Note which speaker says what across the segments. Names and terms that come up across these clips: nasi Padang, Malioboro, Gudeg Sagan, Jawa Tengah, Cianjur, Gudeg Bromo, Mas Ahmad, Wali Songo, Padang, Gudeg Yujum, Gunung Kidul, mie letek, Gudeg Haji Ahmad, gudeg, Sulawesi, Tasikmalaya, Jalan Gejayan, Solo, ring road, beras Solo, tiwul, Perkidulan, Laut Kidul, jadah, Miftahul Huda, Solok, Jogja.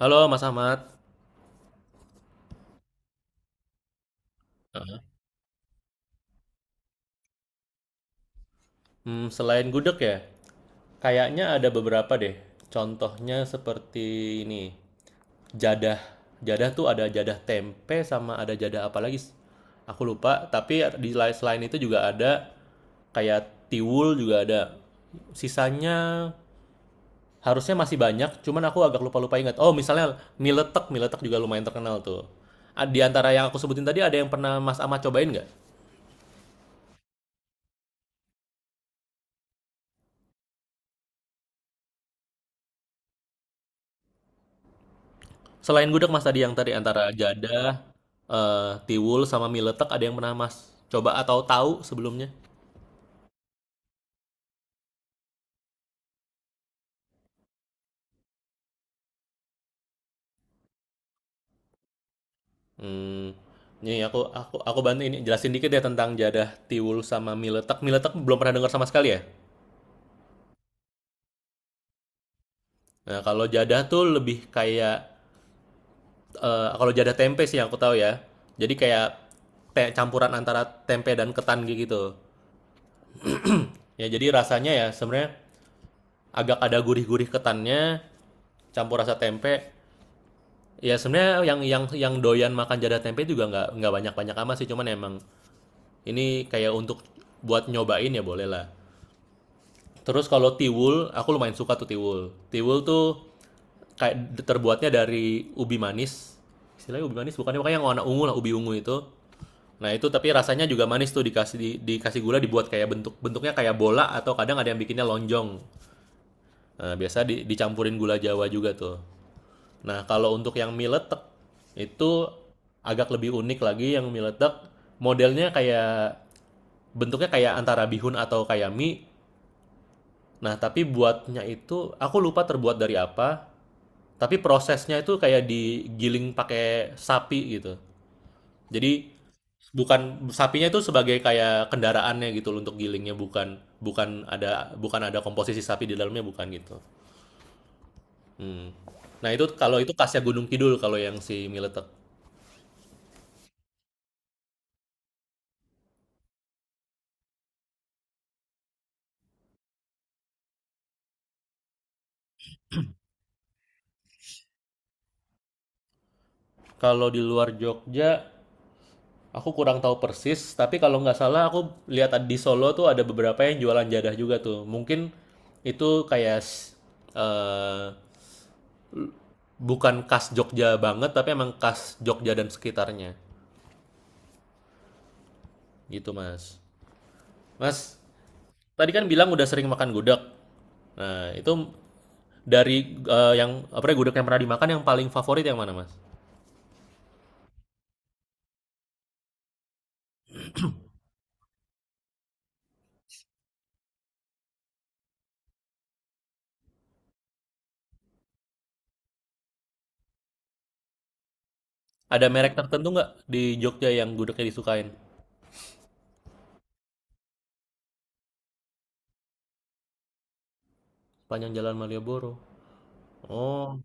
Speaker 1: Halo Mas Ahmad. Selain gudeg ya, kayaknya ada beberapa deh. Contohnya seperti ini, jadah. Jadah tuh ada jadah tempe sama ada jadah apa lagi? Aku lupa, tapi selain itu juga ada kayak tiwul juga ada. Sisanya harusnya masih banyak, cuman aku agak lupa-lupa ingat. Oh, misalnya mie letek juga lumayan terkenal tuh. Di antara yang aku sebutin tadi ada yang pernah Mas Ahmad cobain nggak? Selain gudeg Mas tadi yang tadi antara jadah, tiwul, sama mie letek ada yang pernah Mas coba atau tahu sebelumnya? Mmm, nih aku bantu ini jelasin dikit ya tentang jadah, tiwul, sama mie letek. Mie letek belum pernah dengar sama sekali ya? Nah kalau jadah tuh lebih kayak, kalau jadah tempe sih yang aku tahu ya. Jadi kayak kayak campuran antara tempe dan ketan gitu. Ya jadi rasanya ya sebenarnya agak ada gurih-gurih ketannya, campur rasa tempe. Ya sebenarnya yang doyan makan jadah tempe juga nggak banyak banyak amat sih, cuman emang ini kayak untuk buat nyobain ya boleh lah. Terus kalau tiwul aku lumayan suka tuh tiwul. Tiwul tuh kayak terbuatnya dari ubi manis. Istilahnya ubi manis bukannya kayak yang warna ungu lah ubi ungu itu. Nah itu tapi rasanya juga manis tuh dikasih dikasih gula, dibuat kayak bentuk bentuknya kayak bola atau kadang ada yang bikinnya lonjong. Nah, biasa dicampurin gula Jawa juga tuh. Nah, kalau untuk yang mie letek itu agak lebih unik lagi. Yang mie letek modelnya kayak bentuknya kayak antara bihun atau kayak mie. Nah, tapi buatnya itu aku lupa terbuat dari apa, tapi prosesnya itu kayak digiling pakai sapi gitu. Jadi bukan sapinya itu sebagai kayak kendaraannya gitu loh untuk gilingnya, bukan bukan ada bukan ada komposisi sapi di dalamnya, bukan gitu. Hmm. Nah, itu kalau itu khasnya Gunung Kidul kalau yang si mie letek. Kalau di luar Jogja aku kurang tahu persis, tapi kalau nggak salah aku lihat di Solo tuh ada beberapa yang jualan jadah juga tuh. Mungkin itu kayak eh, bukan khas Jogja banget, tapi emang khas Jogja dan sekitarnya. Gitu, Mas. Mas, tadi kan bilang udah sering makan gudeg. Nah, itu dari yang apa ya, gudeg yang pernah dimakan yang paling favorit yang mana, Mas? Ada merek tertentu nggak di Jogja yang gudegnya disukain? Panjang Jalan Malioboro. Oh,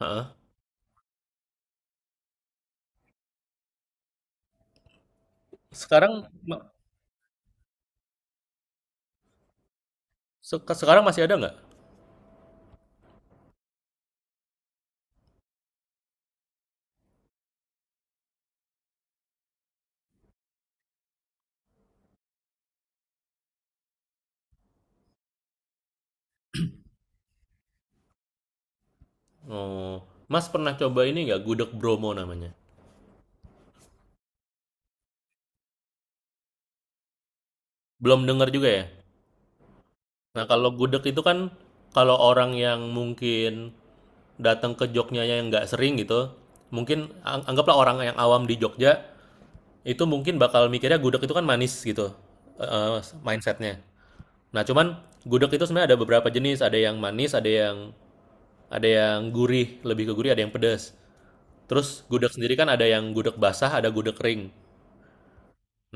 Speaker 1: heeh. Sekarang ma- sekarang masih ada nggak? Oh, Mas pernah coba ini nggak gudeg Bromo namanya? Belum dengar juga ya? Nah, kalau gudeg itu kan kalau orang yang mungkin datang ke Jogjanya yang nggak sering gitu, mungkin anggaplah orang yang awam di Jogja itu mungkin bakal mikirnya gudeg itu kan manis gitu, eh, mindsetnya. Nah, cuman gudeg itu sebenarnya ada beberapa jenis, ada yang manis, ada yang gurih, lebih ke gurih, ada yang pedas. Terus gudeg sendiri kan ada yang gudeg basah, ada gudeg kering.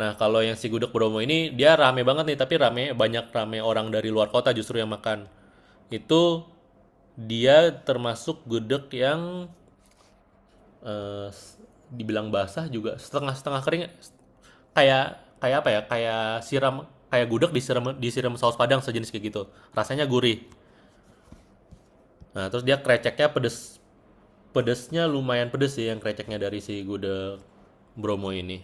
Speaker 1: Nah, kalau yang si Gudeg Bromo ini dia rame banget nih, tapi rame orang dari luar kota justru yang makan. Itu dia termasuk gudeg yang eh, dibilang basah juga setengah-setengah kering, kayak kayak apa ya? Kayak siram, kayak gudeg disiram disiram saus padang sejenis kayak gitu. Rasanya gurih. Nah, terus dia kreceknya pedes, pedesnya lumayan pedes sih yang kreceknya dari si gudeg Bromo ini.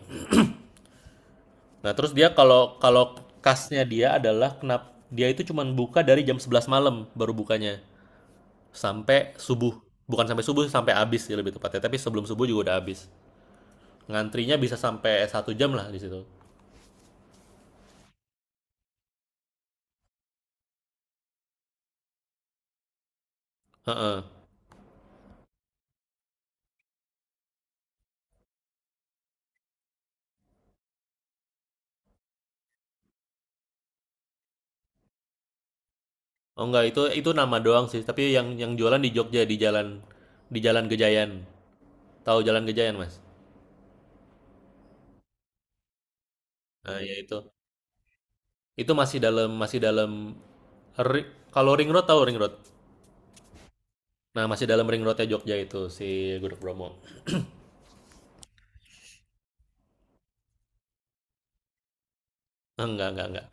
Speaker 1: Nah, terus dia kalau kalau kasnya dia adalah kenapa dia itu cuma buka dari jam 11 malam baru bukanya sampai subuh. Bukan sampai subuh, sampai habis ya lebih tepatnya, tapi sebelum subuh juga udah habis. Ngantrinya bisa sampai 1 jam lah di situ. Heeh. Oh enggak, itu nama doang sih, tapi yang jualan di Jogja di Jalan Gejayan. Tahu Jalan Gejayan, Mas? Nah, ya itu. Itu masih dalam ri- kalau ring road, tahu ring road. Nah, masih dalam ring Road roadnya Jogja itu si Gudeg Bromo. Enggak, enggak.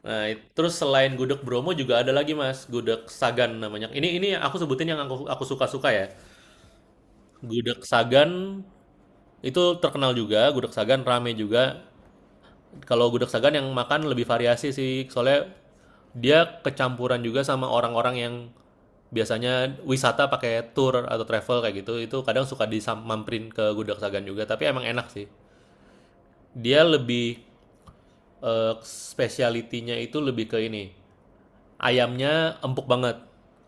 Speaker 1: Nah, terus selain gudeg Bromo juga ada lagi Mas, gudeg Sagan namanya. Ini aku sebutin yang aku suka-suka ya. Gudeg Sagan itu terkenal juga, gudeg Sagan rame juga. Kalau gudeg Sagan yang makan lebih variasi sih, soalnya dia kecampuran juga sama orang-orang yang biasanya wisata pakai tour atau travel kayak gitu. Itu kadang suka disamperin ke gudeg Sagan juga, tapi emang enak sih. Dia lebih speciality-nya itu lebih ke ini. Ayamnya empuk banget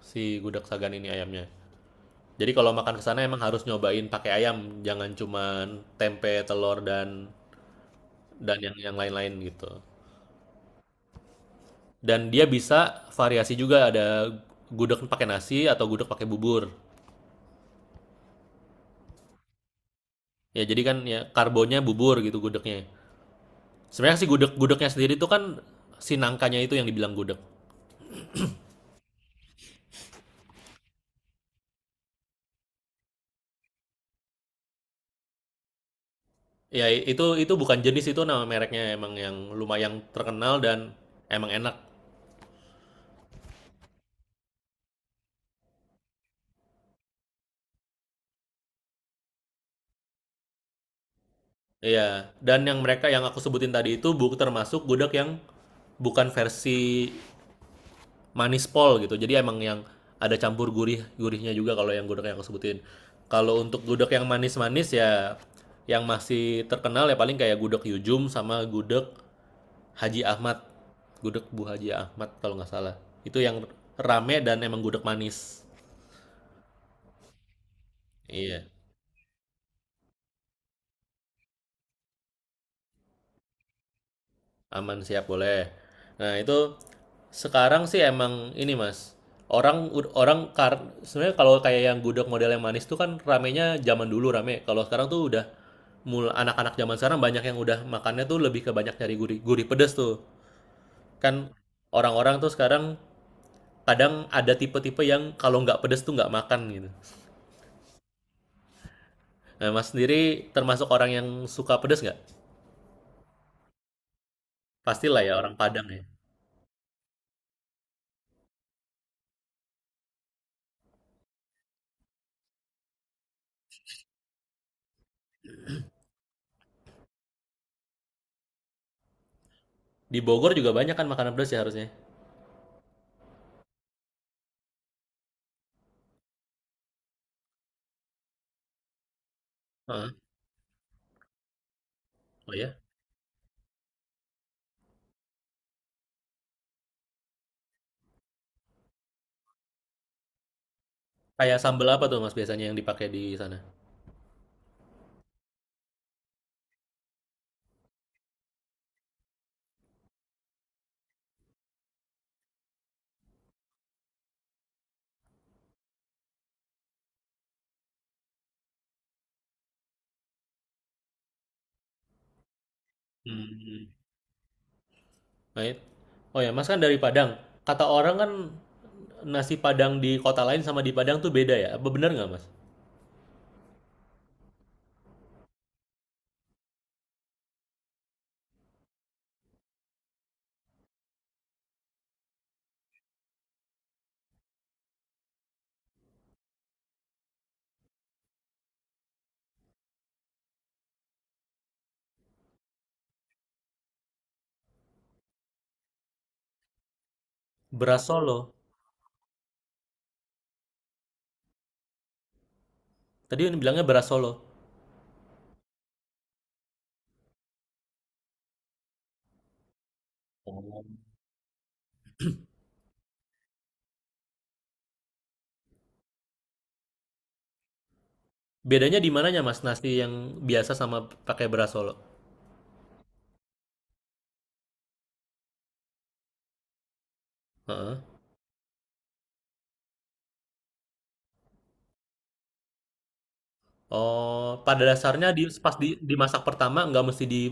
Speaker 1: si gudeg sagan ini ayamnya. Jadi kalau makan ke sana emang harus nyobain pakai ayam, jangan cuman tempe, telur dan yang lain-lain gitu. Dan dia bisa variasi juga ada gudeg pakai nasi atau gudeg pakai bubur. Ya jadi kan ya karbonnya bubur gitu gudegnya. Sebenarnya si gudegnya sendiri itu kan si nangkanya itu yang dibilang gudeg. Ya itu bukan jenis, itu nama mereknya emang yang lumayan terkenal dan emang enak. Iya, dan yang mereka yang aku sebutin tadi itu bu termasuk gudeg yang bukan versi manis pol gitu. Jadi emang yang ada campur gurih-gurihnya juga kalau yang gudeg yang aku sebutin. Kalau untuk gudeg yang manis-manis ya yang masih terkenal ya paling kayak gudeg Yujum sama gudeg Haji Ahmad. Gudeg Bu Haji Ahmad kalau nggak salah. Itu yang rame dan emang gudeg manis. Iya, aman siap boleh. Nah, itu sekarang sih emang ini mas orang orang kar sebenarnya kalau kayak yang gudeg model yang manis tuh kan ramenya zaman dulu rame kalau sekarang tuh udah anak-anak zaman sekarang banyak yang udah makannya tuh lebih ke banyak nyari gurih gurih pedes tuh kan. Orang-orang tuh sekarang kadang ada tipe-tipe yang kalau nggak pedes tuh nggak makan gitu. Nah mas sendiri termasuk orang yang suka pedes nggak? Pastilah ya orang Padang ya, di Bogor juga banyak kan makanan pedes ya harusnya. Heeh. Oh ya, kayak sambal apa tuh mas biasanya yang dipakai di sana? Hmm. Right? Oh ya, Mas kan dari Padang. Kata orang kan nasi Padang di kota lain sama di Padang tuh beda ya. Apa benar nggak, Mas? Beras Solo. Tadi bilangnya beras Solo. Oh. Bedanya di mananya, Mas? Nasi yang biasa sama pakai beras Solo. Heeh. Oh, pada dasarnya pas dimasak pertama nggak mesti di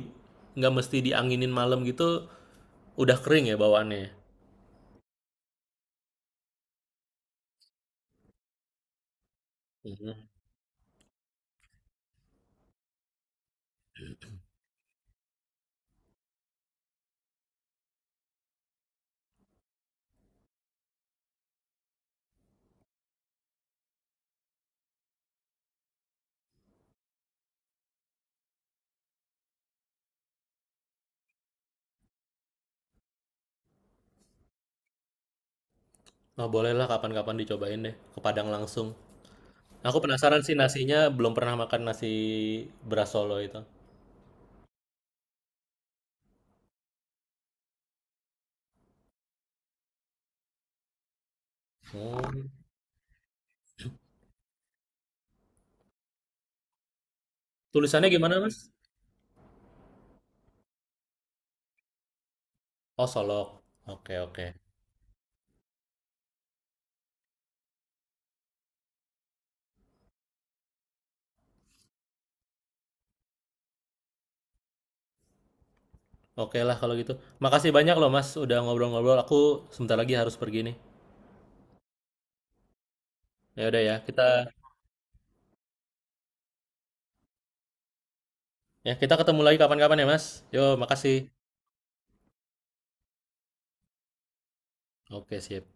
Speaker 1: nggak mesti dianginin malam gitu, udah kering ya bawaannya, ya? Mhm. Nah, bolehlah kapan-kapan dicobain deh ke Padang langsung. Aku penasaran sih nasinya, belum pernah makan nasi beras Solo itu. Oh, tulisannya gimana, Mas? Oh, Solok. Oke, oke. Oke lah kalau gitu. Makasih banyak loh, Mas, udah ngobrol-ngobrol. Aku sebentar lagi harus pergi nih. Ya udah ya kita ketemu lagi kapan-kapan ya, Mas. Yo, makasih. Oke, sip.